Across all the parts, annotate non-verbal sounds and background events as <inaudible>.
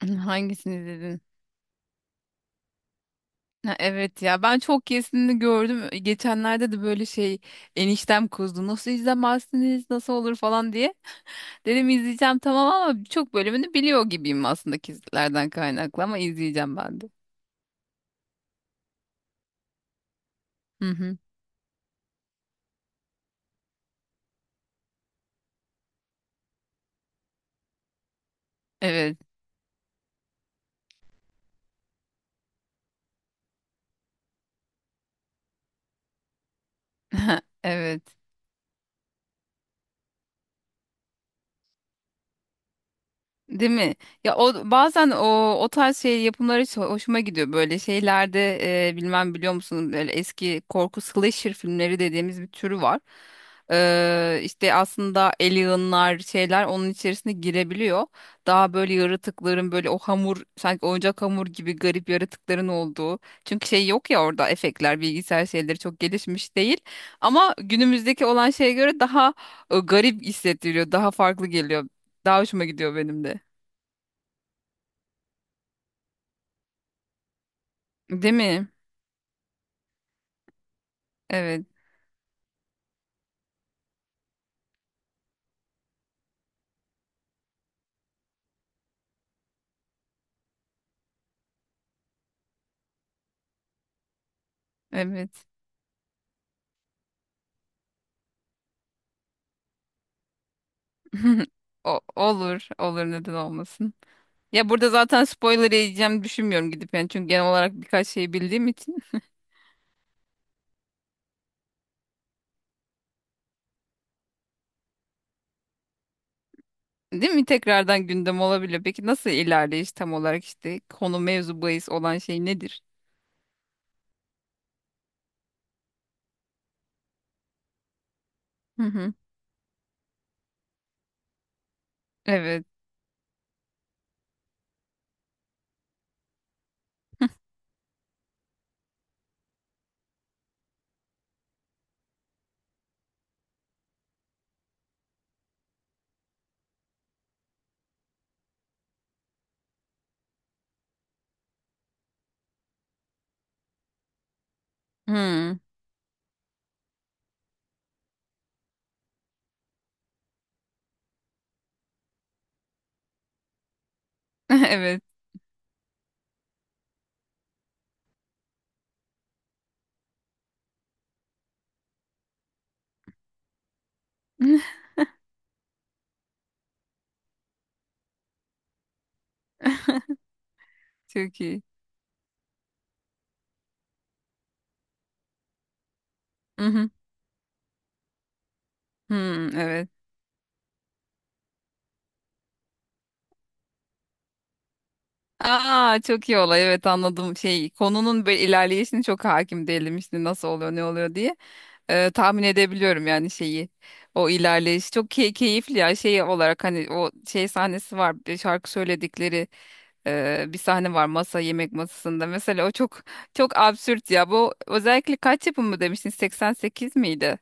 <laughs> Hangisini dedin? Ha, evet ya ben çok kesini gördüm. Geçenlerde de böyle şey eniştem kızdı. Nasıl izlemezsiniz? Nasıl olur falan diye. Dedim izleyeceğim tamam ama çok bölümünü biliyor gibiyim aslında kizlerden kaynaklı ama izleyeceğim ben de. Hı hı. Evet. <laughs> Evet. Değil mi? Ya o bazen o tarz şey yapımları hiç hoşuma gidiyor böyle şeylerde bilmem biliyor musun böyle eski korku slasher filmleri dediğimiz bir türü var. İşte aslında alienlar şeyler onun içerisine girebiliyor. Daha böyle yaratıkların böyle o hamur sanki oyuncak hamur gibi garip yaratıkların olduğu. Çünkü şey yok ya orada efektler bilgisayar şeyleri çok gelişmiş değil. Ama günümüzdeki olan şeye göre daha garip hissettiriyor, daha farklı geliyor. Daha hoşuma gidiyor benim de. Değil mi? Evet, evet. <laughs> O, olur, olur, neden olmasın. Ya burada zaten spoiler yiyeceğim düşünmüyorum gidip yani çünkü genel olarak birkaç şey bildiğim için. <laughs> Değil mi? Tekrardan gündem olabilir. Peki nasıl ilerleyiş, tam olarak işte konu, mevzu bahis olan şey nedir? Hı hı. Evet. Hı. <laughs> Evet. <laughs> Çok iyi. Hı hı. Hı, evet. Aa, çok iyi olay, evet anladım, şey konunun böyle ilerleyişini çok hakim değilim işte nasıl oluyor ne oluyor diye. Tahmin edebiliyorum yani şeyi. O ilerleyiş çok keyifli ya, şey olarak hani o şey sahnesi var bir şarkı söyledikleri, bir sahne var masa, yemek masasında mesela, o çok çok absürt ya. Bu özellikle kaç yapımı demiştin, 88 miydi?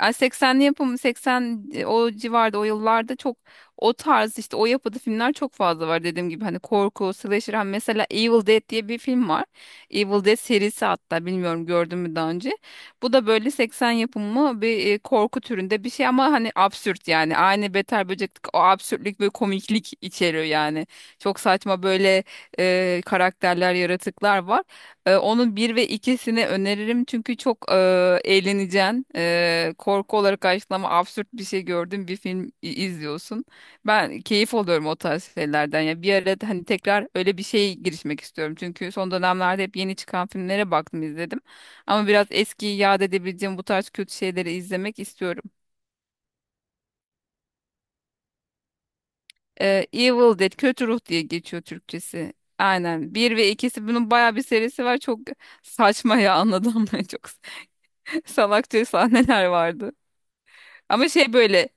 Ay 80'li yapımı, 80 o civarda, o yıllarda çok o tarz işte, o yapıda filmler çok fazla var dediğim gibi. Hani korku, slasher, hani mesela Evil Dead diye bir film var. Evil Dead serisi, hatta bilmiyorum gördün mü daha önce. Bu da böyle 80 yapımı bir korku türünde bir şey, ama hani absürt yani, aynı Beter Böcek'teki o absürtlük ve komiklik içeriyor yani. Çok saçma böyle karakterler, yaratıklar var. Onun bir ve ikisini öneririm çünkü çok eğleneceksin. Korku olarak karşılama, absürt bir şey gördüğün bir film izliyorsun. Ben keyif alıyorum o tarz şeylerden. Ya bir ara da hani tekrar öyle bir şeye girişmek istiyorum. Çünkü son dönemlerde hep yeni çıkan filmlere baktım, izledim. Ama biraz eskiyi yad edebileceğim bu tarz kötü şeyleri izlemek istiyorum. Evil Dead, Kötü Ruh diye geçiyor Türkçesi. Aynen. Bir ve ikisi, bunun bayağı bir serisi var. Çok saçma ya, anladın mı? <laughs> Çok. Salakça sahneler vardı. Ama şey böyle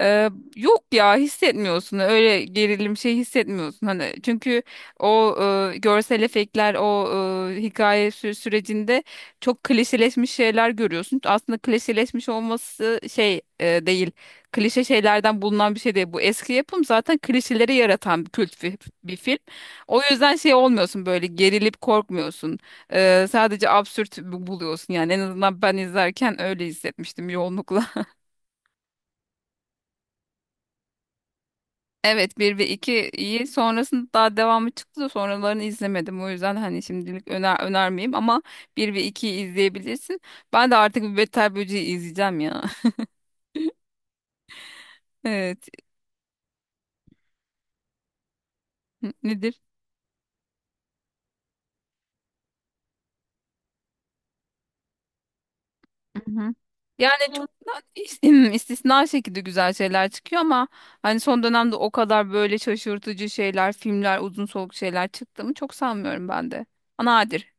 ee, yok ya, hissetmiyorsun öyle gerilim, şey hissetmiyorsun hani çünkü o görsel efektler, o hikaye sürecinde çok klişeleşmiş şeyler görüyorsun. Aslında klişeleşmiş olması şey değil, klişe şeylerden bulunan bir şey değil bu, eski yapım zaten, klişeleri yaratan bir kült bir film. O yüzden şey olmuyorsun, böyle gerilip korkmuyorsun. Sadece absürt buluyorsun yani, en azından ben izlerken öyle hissetmiştim yoğunlukla. Evet, bir ve 2'yi, sonrasında daha devamı çıktı da sonralarını izlemedim. O yüzden hani şimdilik önermeyeyim ama bir ve 2'yi izleyebilirsin. Ben de artık bir Beter Böceği izleyeceğim ya. <laughs> Evet. Nedir? Mhm. Yani çok da <clears throat> istisna şekilde güzel şeyler çıkıyor ama hani son dönemde o kadar böyle şaşırtıcı şeyler, filmler, uzun soluk şeyler çıktığını çok sanmıyorum ben de. Nadir.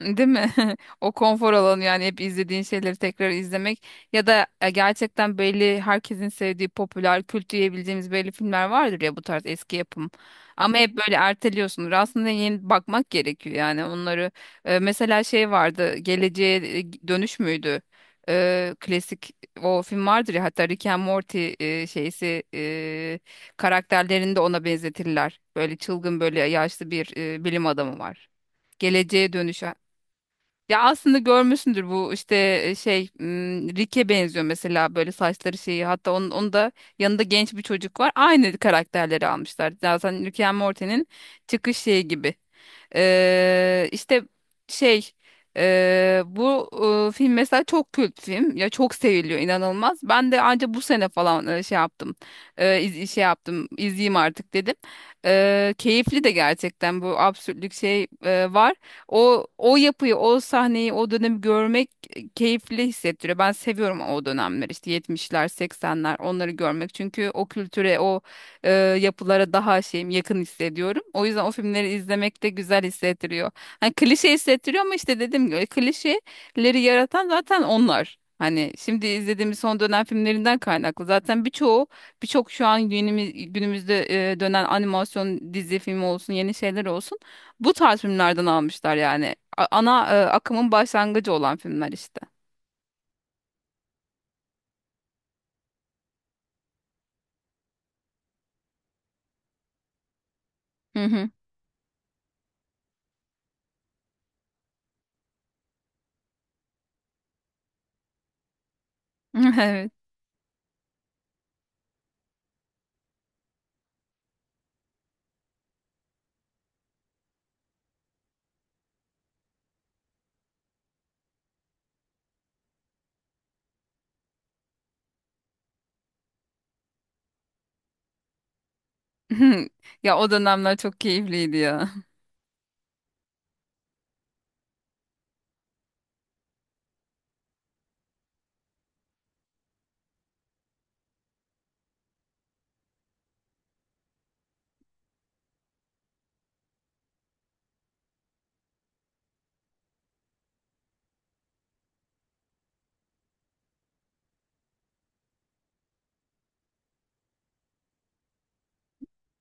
Değil mi? <laughs> O konfor alanı yani, hep izlediğin şeyleri tekrar izlemek ya da gerçekten belli, herkesin sevdiği popüler kült diyebileceğimiz belli filmler vardır ya, bu tarz eski yapım. Ama hep böyle erteliyorsun. Aslında yeni bakmak gerekiyor yani onları. Mesela şey vardı, Geleceğe Dönüş müydü? Klasik o film vardır ya, hatta Rick and Morty şeysi karakterlerini de ona benzetirler. Böyle çılgın, böyle yaşlı bir bilim adamı var. Geleceğe dönüş, ya aslında görmüşsündür bu, işte şey Rick'e benziyor mesela, böyle saçları şeyi, hatta onun da yanında genç bir çocuk var. Aynı karakterleri almışlar. Zaten Rick and Morty'nin çıkış şeyi gibi. İşte şey, bu film mesela çok kült film ya, çok seviliyor inanılmaz. Ben de anca bu sene falan şey yaptım. Şey yaptım, izleyeyim artık dedim. Keyifli de gerçekten, bu absürtlük şey var. O yapıyı, o sahneyi, o dönemi görmek keyifli hissettiriyor. Ben seviyorum o dönemler işte, 70'ler, 80'ler, onları görmek. Çünkü o kültüre, o e, yapılara daha şeyim, yakın hissediyorum. O yüzden o filmleri izlemek de güzel hissettiriyor. Hani klişe hissettiriyor ama işte dediğim gibi, klişeleri yaratan zaten onlar. Hani şimdi izlediğimiz son dönem filmlerinden kaynaklı. Zaten birçoğu, birçok şu an günümüzde dönen animasyon, dizi, filmi olsun, yeni şeyler olsun, bu tarz filmlerden almışlar yani. Ana akımın başlangıcı olan filmler işte. Hı hı. <laughs> Evet. <laughs> Ya o dönemler çok keyifliydi ya.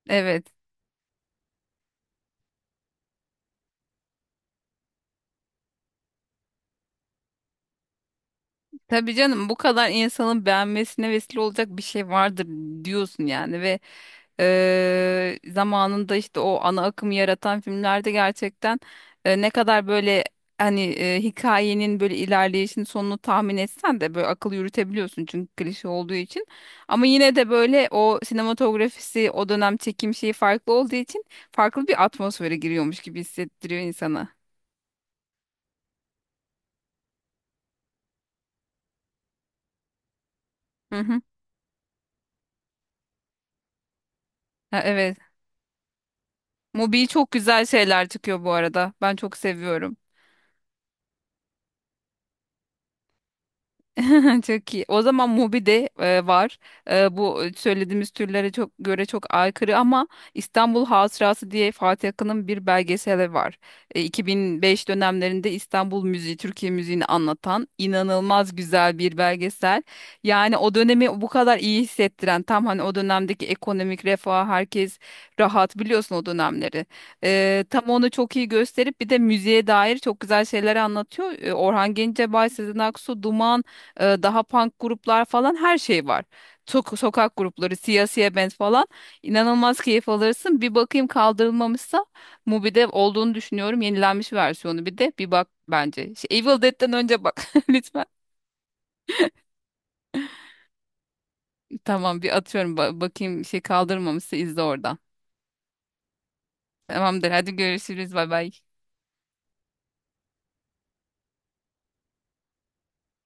<laughs> Evet. Tabii canım, bu kadar insanın beğenmesine vesile olacak bir şey vardır diyorsun yani. Ve zamanında işte o ana akımı yaratan filmlerde gerçekten ne kadar böyle hani hikayenin böyle ilerleyişin sonunu tahmin etsen de böyle akıl yürütebiliyorsun çünkü klişe olduğu için, ama yine de böyle o sinematografisi, o dönem çekim şeyi farklı olduğu için, farklı bir atmosfere giriyormuş gibi hissettiriyor insana. Hı hı. Ha, evet. Mobil çok güzel şeyler çıkıyor bu arada. Ben çok seviyorum. <laughs> Çok iyi. O zaman Mubi'de var. Bu söylediğimiz türlere çok göre çok aykırı ama, İstanbul Hatırası diye Fatih Akın'ın bir belgeseli var. 2005 dönemlerinde İstanbul müziği, Türkiye müziğini anlatan inanılmaz güzel bir belgesel. Yani o dönemi bu kadar iyi hissettiren, tam hani o dönemdeki ekonomik refah, herkes rahat, biliyorsun o dönemleri. Tam onu çok iyi gösterip bir de müziğe dair çok güzel şeyler anlatıyor. Orhan Gencebay, Sezen Aksu, Duman, daha punk gruplar falan, her şey var. Sokak grupları, siyasiye band falan. İnanılmaz keyif alırsın. Bir bakayım kaldırılmamışsa, Mubi'de olduğunu düşünüyorum. Yenilenmiş versiyonu bir de bir bak bence. Şey, Evil Dead'den önce bak <laughs> lütfen. Tamam, bir atıyorum. Bakayım şey, kaldırılmamışsa izle oradan. Tamamdır, hadi görüşürüz, bay bay.